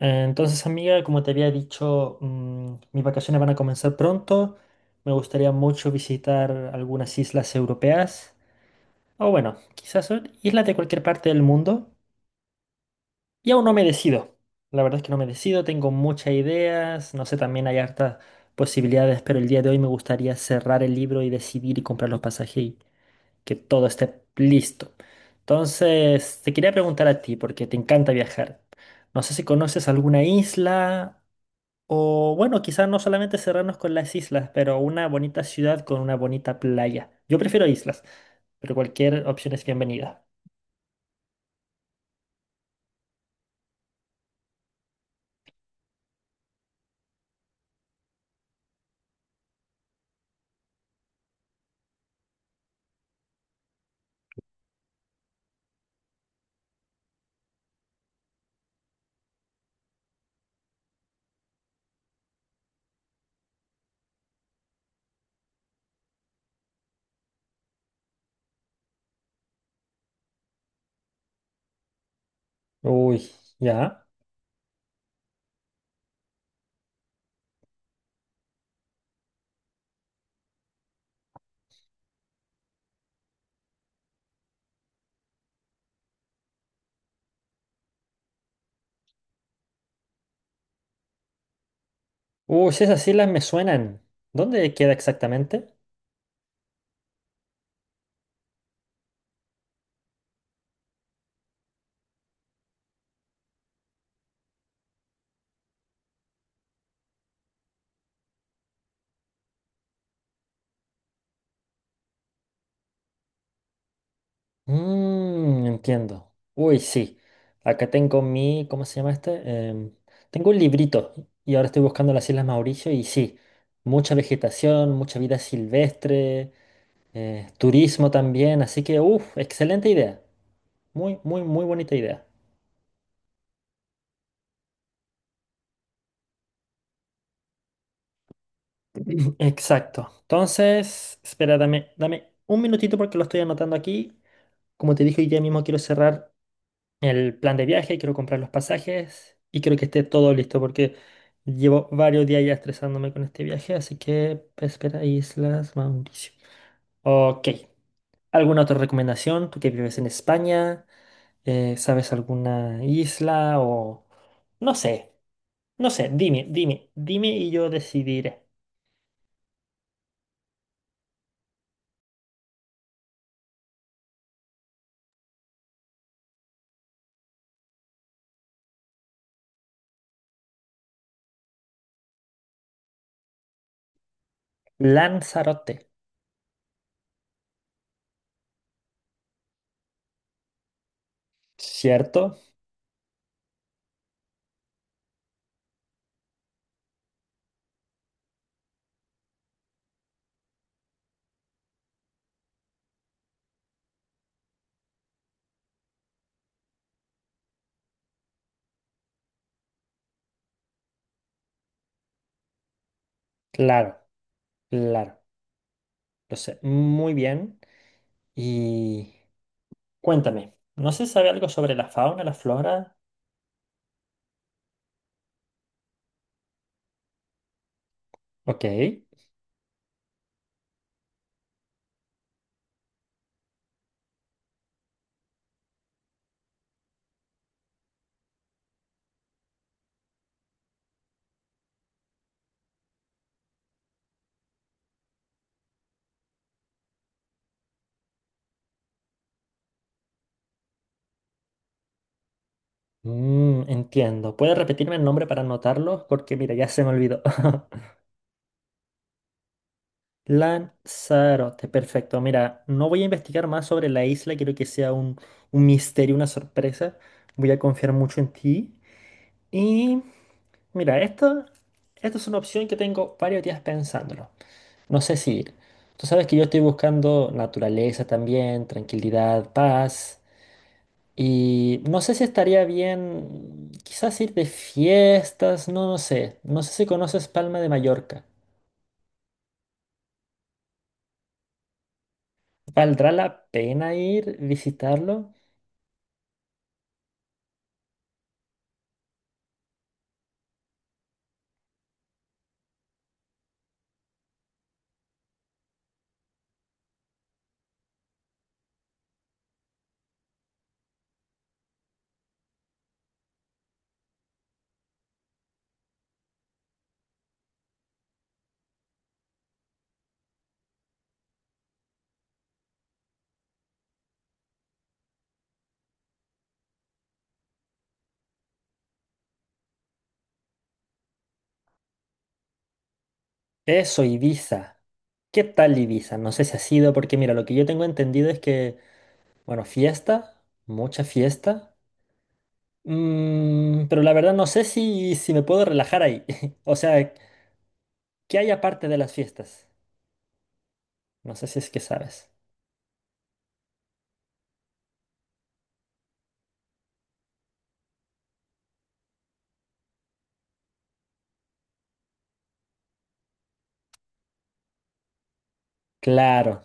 Entonces, amiga, como te había dicho, mis vacaciones van a comenzar pronto. Me gustaría mucho visitar algunas islas europeas, o bueno, quizás son islas de cualquier parte del mundo. Y aún no me decido. La verdad es que no me decido, tengo muchas ideas, no sé, también hay hartas posibilidades, pero el día de hoy me gustaría cerrar el libro y decidir y comprar los pasajes y que todo esté listo. Entonces, te quería preguntar a ti, porque te encanta viajar. No sé si conoces alguna isla o bueno, quizás no solamente cerrarnos con las islas, pero una bonita ciudad con una bonita playa. Yo prefiero islas, pero cualquier opción es bienvenida. Uy, ya. Uy, si esas islas me suenan. ¿Dónde queda exactamente? Mmm, entiendo. Uy, sí. Acá tengo mi, ¿cómo se llama este? Tengo un librito y ahora estoy buscando las Islas Mauricio y sí, mucha vegetación, mucha vida silvestre, turismo también, así que, uff, excelente idea. Muy, muy, muy bonita idea. Exacto. Entonces, espera, dame un minutito porque lo estoy anotando aquí. Como te dije, hoy día mismo quiero cerrar el plan de viaje, quiero comprar los pasajes y quiero que esté todo listo porque llevo varios días ya estresándome con este viaje, así que espera, Islas Mauricio. Ok. ¿Alguna otra recomendación? Tú que vives en España, ¿sabes alguna isla o...? No sé, no sé, dime, dime, dime y yo decidiré. Lanzarote, ¿cierto? Claro, claro, lo sé muy bien. Y cuéntame, ¿no se sabe algo sobre la fauna, la flora? Ok. Mm, entiendo. ¿Puedes repetirme el nombre para anotarlo? Porque mira, ya se me olvidó. Lanzarote, perfecto. Mira, no voy a investigar más sobre la isla, quiero que sea un misterio, una sorpresa. Voy a confiar mucho en ti. Y mira, esto es una opción que tengo varios días pensándolo. No sé si ir. Tú sabes que yo estoy buscando naturaleza también, tranquilidad, paz. Y no sé si estaría bien quizás ir de fiestas, no, no sé. No sé si conoces Palma de Mallorca. ¿Valdrá la pena ir, visitarlo? Eso, Ibiza. ¿Qué tal Ibiza? No sé si ha sido, porque mira, lo que yo tengo entendido es que, bueno, fiesta, mucha fiesta. Pero la verdad no sé si, si me puedo relajar ahí. O sea, ¿qué hay aparte de las fiestas? No sé si es que sabes. Claro,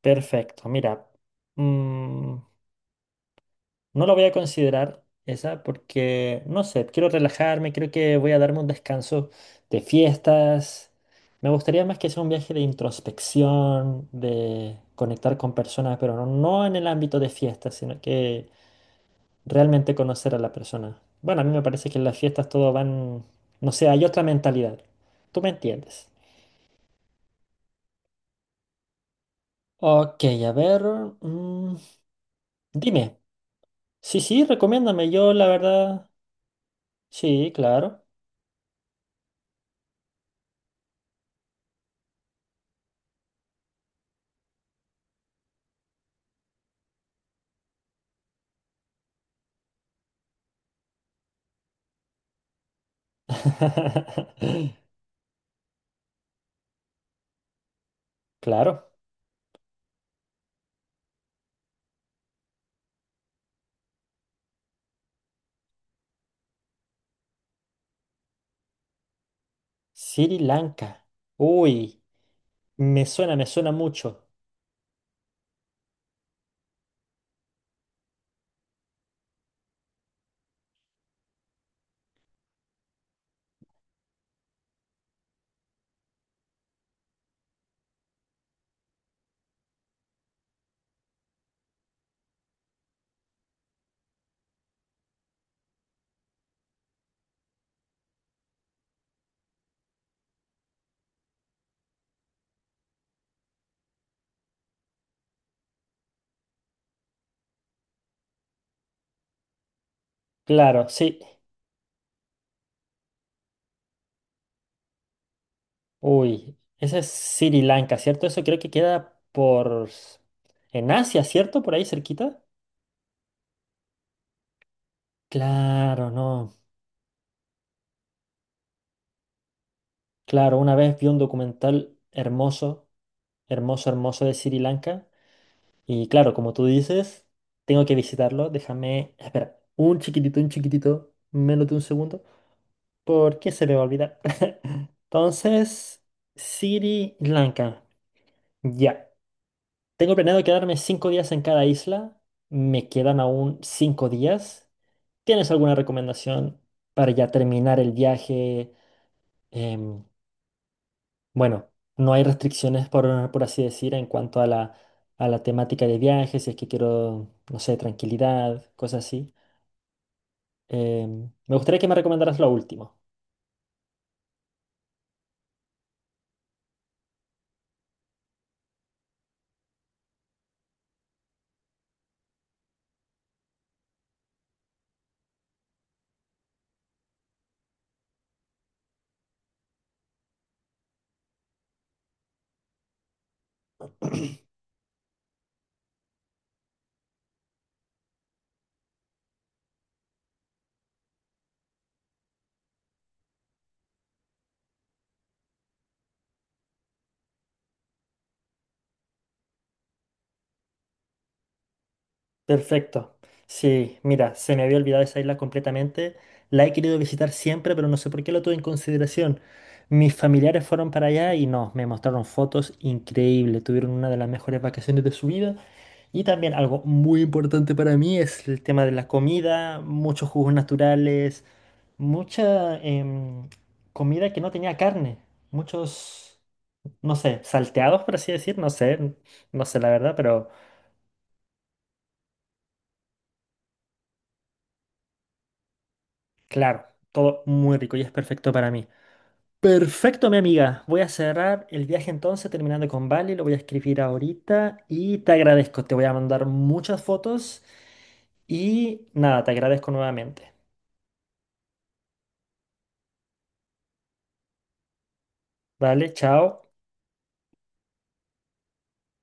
perfecto. Mira, mm, no lo voy a considerar esa porque, no sé, quiero relajarme, creo que voy a darme un descanso de fiestas. Me gustaría más que sea un viaje de introspección, de conectar con personas, pero no, no en el ámbito de fiestas, sino que realmente conocer a la persona. Bueno, a mí me parece que en las fiestas todo van, no sé, hay otra mentalidad. ¿Tú me entiendes? Ok, a ver, mm, dime. Sí, sí, recomiéndame. Yo, la verdad, sí, claro. Claro. Sri Lanka. Uy, me suena mucho. Claro, sí. Uy, esa es Sri Lanka, ¿cierto? Eso creo que queda por... en Asia, ¿cierto? Por ahí cerquita. Claro, no. Claro, una vez vi un documental hermoso, hermoso, hermoso de Sri Lanka. Y claro, como tú dices, tengo que visitarlo. Déjame, espera, un chiquitito, menos de un segundo, porque se me va a olvidar. Entonces, Sri Lanka. Ya. Tengo planeado quedarme 5 días en cada isla. Me quedan aún 5 días. ¿Tienes alguna recomendación para ya terminar el viaje? Em, bueno, no hay restricciones, por así decir, en cuanto a la temática de viaje, si es que quiero, no sé, tranquilidad, cosas así. Me gustaría que me recomendaras lo último. Perfecto. Sí, mira, se me había olvidado esa isla completamente. La he querido visitar siempre, pero no sé por qué lo tuve en consideración. Mis familiares fueron para allá y no, me mostraron fotos increíbles. Tuvieron una de las mejores vacaciones de su vida. Y también algo muy importante para mí es el tema de la comida, muchos jugos naturales, mucha comida que no tenía carne, muchos... no sé, salteados, por así decir, no sé, no sé la verdad, pero claro, todo muy rico y es perfecto para mí. Perfecto, mi amiga. Voy a cerrar el viaje entonces, terminando con Bali, lo voy a escribir ahorita y te agradezco. Te voy a mandar muchas fotos y nada, te agradezco nuevamente. Vale, chao.